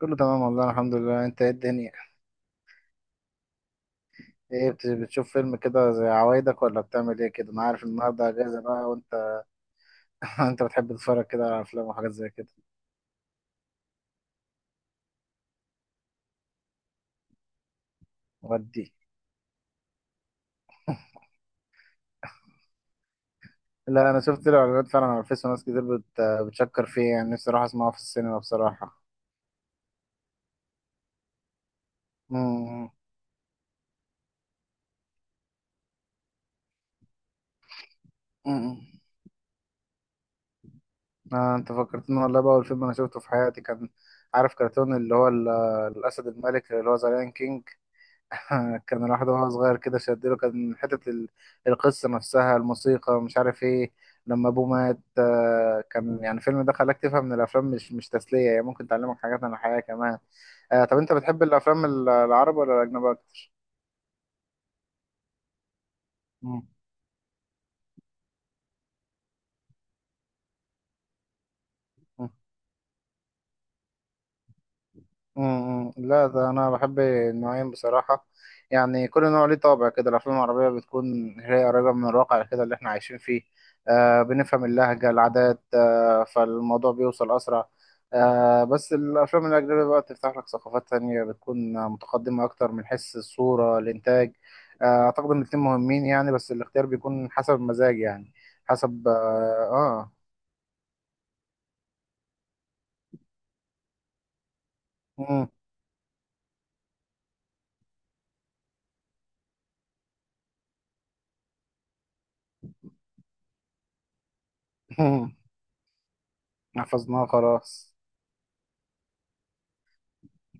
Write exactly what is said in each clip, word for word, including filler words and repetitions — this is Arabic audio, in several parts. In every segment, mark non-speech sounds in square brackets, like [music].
كله تمام والله الحمد لله. انت ايه الدنيا؟ ايه بت- بتشوف فيلم كده زي عوايدك، ولا بتعمل ايه كده؟ انا عارف النهارده اجازه بقى، وانت؟ [laughs] انت بتحب تتفرج كده على افلام وحاجات زي كده؟ ودي. لا، انا شفت له اعلانات فعلا على الفيس وناس كتير بت... بتشكر فيه. يعني نفسي اروح اسمعه في السينما بصراحه. امم. امم. آه، انت فكرتني والله. بقى اول فيلم انا شفته في حياتي كان عارف كرتون اللي هو ال- الاسد الملك، اللي هو ذا لايون. [laughs] كان الواحد وهو صغير كده شدله، كان حتة ال- القصة نفسها، الموسيقى مش عارف ايه. لما ابوه مات، آه، كان يعني الفيلم ده خلاك تفهم ان الافلام مش مش تسلية، هي ممكن تعلمك حاجات عن الحياة كمان. آه، طب انت بتحب الافلام ال- العربي ولا الاجنبي اكتر؟ مم. امم لا، ده انا بحب النوعين بصراحه. يعني كل نوع ليه طابع كده. الافلام العربيه بتكون هي قريبه من الواقع كده اللي احنا عايشين فيه. آه، بنفهم اللهجه، العادات، آه فالموضوع بيوصل اسرع. آه، بس الافلام الاجنبيه بقى تفتح لك ثقافات تانية، بتكون متقدمه اكتر من حيث الصوره، الانتاج. آه، اعتقد ان الاتنين مهمين يعني، بس الاختيار بيكون حسب المزاج يعني. حسب. اه, آه. مم. [laughs] حفظناه خلاص.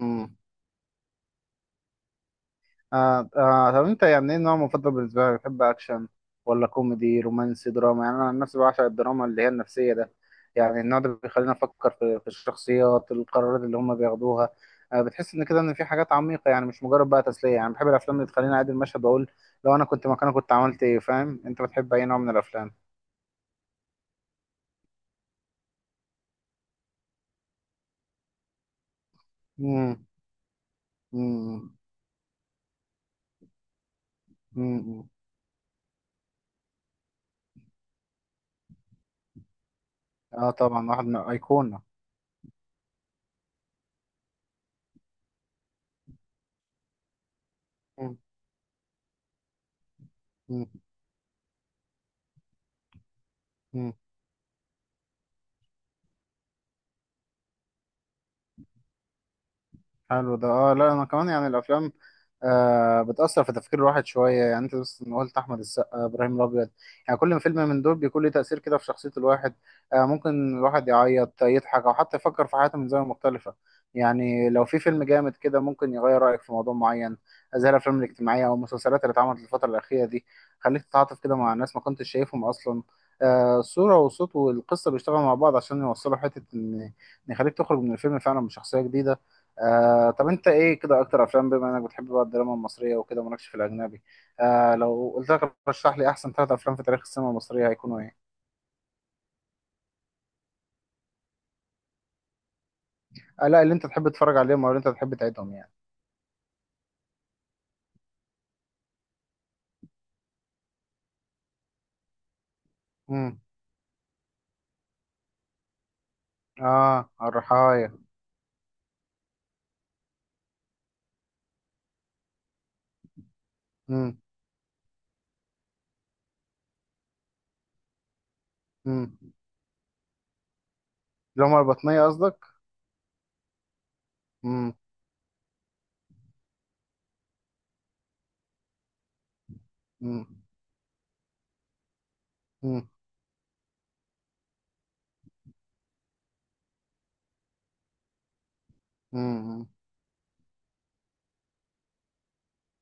مم. آه آه، طب انت يعني ايه النوع المفضل بالنسبه لك؟ بتحب اكشن ولا كوميدي، رومانسي، دراما؟ يعني انا عن نفسي بعشق الدراما اللي هي النفسيه ده. يعني النوع ده بيخلينا نفكر في, في الشخصيات، القرارات اللي هم بياخدوها. آه، بتحس ان كده ان في حاجات عميقه، يعني مش مجرد بقى تسليه. يعني بحب الافلام اللي تخليني اعيد المشهد واقول لو انا كنت مكانه كنت عملت ايه، فاهم؟ انت بتحب اي نوع من الافلام؟ امم. امم. امم. اه، طبعا واحد من ايقونه. حلو ده. اه، لا انا كمان يعني الافلام، آه، بتاثر في تفكير الواحد شويه. يعني انت بس إن قلت احمد السقا، ابراهيم الابيض، يعني كل فيلم من دول بيكون له تاثير كده في شخصيه الواحد. آه، ممكن الواحد يعيط، يضحك، او حتى يفكر في حياته من زاويه مختلفه. يعني لو في فيلم جامد كده ممكن يغير رايك في موضوع معين، زي الافلام الاجتماعيه او المسلسلات اللي اتعملت الفتره الاخيره دي. خليك تتعاطف كده مع الناس ما كنتش شايفهم اصلا. آه، الصوره والصوت والقصه بيشتغلوا مع بعض عشان يوصلوا حته ان إن يخليك تخرج من الفيلم فعلا بشخصيه جديده. آه، طب انت ايه كده اكتر افلام؟ بما انك بتحب بقى الدراما المصريه وكده مالكش في الاجنبي، آه، لو قلت لك رشح لي احسن ثلاث افلام في تاريخ السينما المصريه هيكونوا ايه؟ آه، لا، اللي انت تحب تتفرج عليهم او اللي انت تحب تعيدهم يعني. امم. اه، الرحايا. امم. امم. اللي هم البطنيه قصدك؟ امم. امم. امم. امم.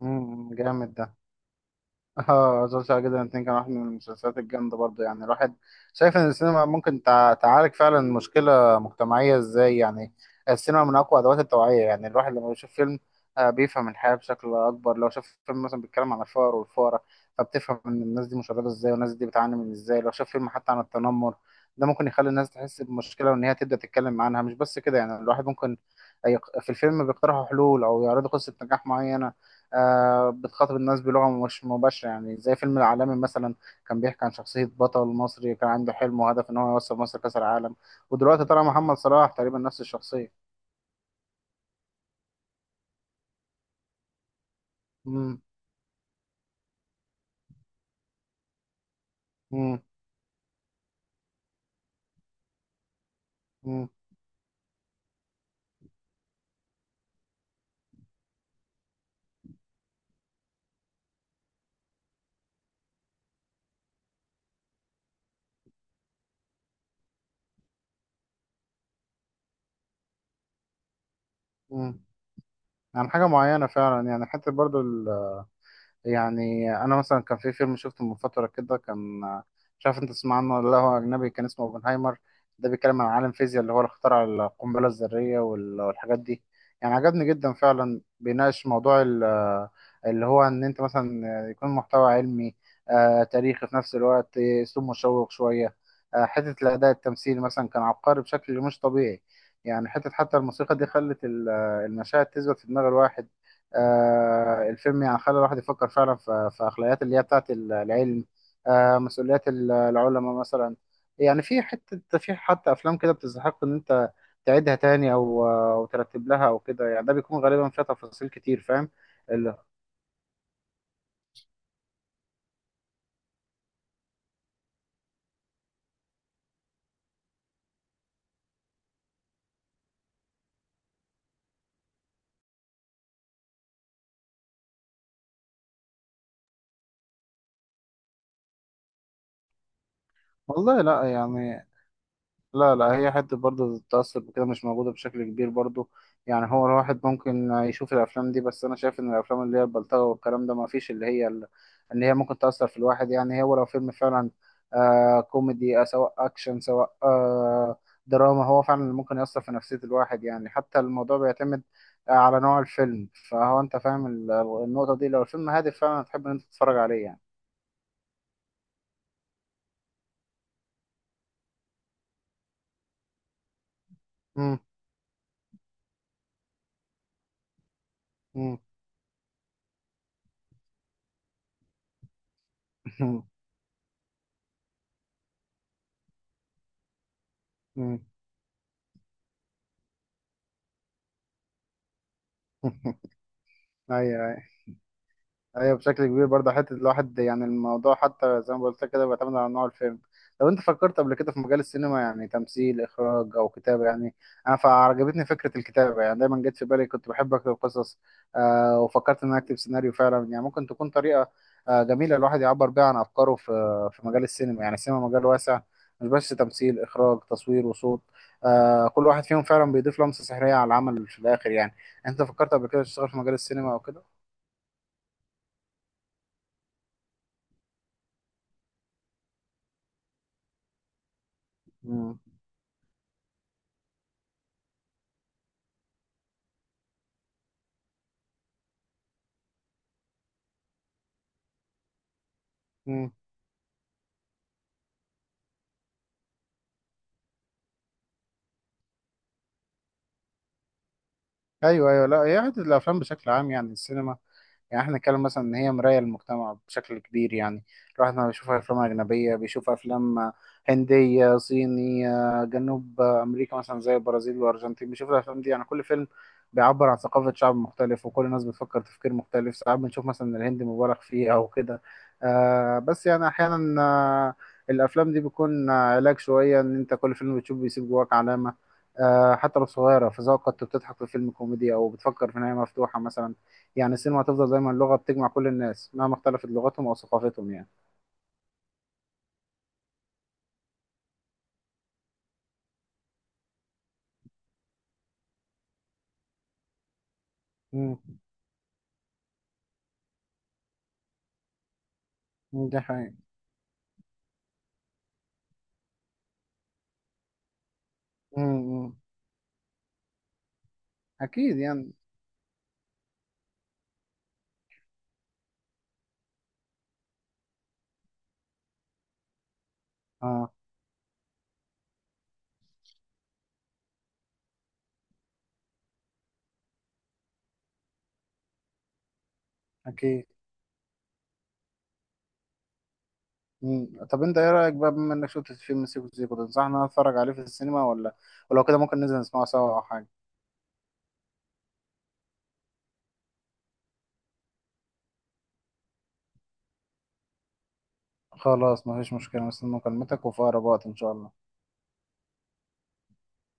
امم جامد ده. اه، مسلسل عادل جدا الاتنين كان واحد من المسلسلات الجامدة برضه. يعني الواحد شايف ان السينما ممكن تع- تعالج فعلا مشكلة مجتمعية ازاي؟ يعني السينما من اقوى ادوات التوعية. يعني الواحد لما بيشوف فيلم، آه، بيفهم الحياة بشكل اكبر. لو شاف فيلم مثلا بيتكلم عن الفقر والفقراء، فبتفهم ان الناس دي مشردة ازاي والناس دي بتعاني من ازاي. لو شاف فيلم حتى عن التنمر، ده ممكن يخلي الناس تحس بمشكلة وان هي تبدأ تتكلم عنها. مش بس كده، يعني الواحد ممكن يق- في الفيلم بيقترحوا حلول او يعرضوا قصة نجاح معينة. آه، بتخاطب الناس بلغة مش مباشرة. يعني زي فيلم العالمي مثلا، كان بيحكي عن شخصية بطل مصري كان عنده حلم وهدف إن هو يوصل مصر كأس العالم. ودلوقتي طلع محمد صلاح تقريبا نفس الشخصية. مم. مم. مم. مم. عن حاجة معينة فعلا، يعني حتى برضو، يعني انا مثلا كان في فيلم شفته من فتره كده، كان مش عارف انت تسمع عنه ولا لا، هو اجنبي كان اسمه اوبنهايمر. ده بيتكلم عن عالم فيزياء اللي هو اللي اخترع القنبله الذريه وال- والحاجات دي. يعني عجبني جدا فعلا، بيناقش موضوع ال- اللي هو ان انت مثلا يكون محتوى علمي، آه، تاريخي في نفس الوقت، آه، اسلوب مشوق شويه. آه، حته الاداء التمثيلي مثلا كان عبقري بشكل مش طبيعي. يعني حته حتى الموسيقى دي خلت ال- المشاهد تثبت في دماغ الواحد. آه، الفيلم يعني خلى الواحد يفكر فعلا في في أخلاقيات اللي هي بتاعت ال- العلم. آه، مسؤوليات ال- العلماء مثلا. يعني في حتة في حتى أفلام كده بتستحق إن أنت تعيدها تاني أو أو ترتب لها أو كده. يعني ده بيكون غالبا فيها تفاصيل كتير، فاهم؟ ال- والله، لا يعني، لا لا، هي حتة برضه التأثر بكده مش موجودة بشكل كبير برضه. يعني هو الواحد ممكن يشوف الأفلام دي، بس أنا شايف إن الأفلام اللي هي البلطجة والكلام ده ما فيش، اللي هي ال- إن هي ممكن تأثر في الواحد. يعني هو لو فيلم فعلا آه كوميدي، آه سواء أكشن، سواء آه دراما، هو فعلا اللي ممكن يأثر في نفسية الواحد. يعني حتى الموضوع بيعتمد آه على نوع الفيلم. فهو أنت فاهم ال- النقطة دي، لو الفيلم هادف فعلا هتحب إن أنت تتفرج عليه يعني. مم. مم. [laughs] مم. [laughs] أيوه. ايوه بشكل كبير برضه حته الواحد. يعني الموضوع حتى زي ما قلت لك كده بيعتمد على نوع الفيلم. لو انت فكرت قبل كده في مجال السينما، يعني تمثيل، اخراج، او كتابه يعني. انا فعجبتني فكره الكتابه. يعني دايما جت في بالي، كنت بحب اكتب قصص، آه، وفكرت ان أنا اكتب سيناريو فعلا. يعني ممكن تكون طريقه آه جميله الواحد يعبر بيها عن افكاره في في مجال السينما. يعني السينما مجال واسع، مش بس تمثيل، اخراج، تصوير، وصوت. آه كل واحد فيهم فعلا بيضيف لمسه سحريه على العمل في الاخر يعني. انت فكرت قبل كده تشتغل في مجال السينما او كده؟ مم. ايوه، ايوه، لا هي حته الافلام بشكل عام. يعني السينما، يعني احنا نتكلم مثلا ان هي مراية للمجتمع بشكل كبير يعني. الواحد ما بيشوف افلام اجنبية، بيشوف افلام هندية، صينية، جنوب امريكا مثلا زي البرازيل والارجنتين. بيشوف الافلام دي، يعني كل فيلم بيعبر عن ثقافة شعب مختلف، وكل الناس بتفكر تفكير مختلف. ساعات بنشوف مثلا الهند مبالغ فيه او كده. آه بس يعني احيانا، آه الافلام دي بيكون آه، علاج شوية، ان انت كل فيلم بتشوفه بيسيب جواك علامة، آه، حتى لو صغيرة في ذوقك. كنت بتضحك في فيلم كوميدي أو بتفكر في نهاية مفتوحة مثلا. يعني السينما هتفضل دايما لغة بتجمع كل الناس مهما اختلفت لغتهم أو ثقافتهم يعني. امم. ده حقيقي. امم. أكيد يعني. اه، أكيد. مم. طب أنت إيه رأيك بقى، بما إنك شفت فيلم سيكو سيكو، تنصحنا أتفرج عليه في السينما، ولا ولو كده ممكن ننزل نسمعه سوا أو حاجة؟ خلاص، مفيش مشكلة. مستني مكالمتك وفي أقرب وقت إن شاء الله.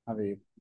حبيبي.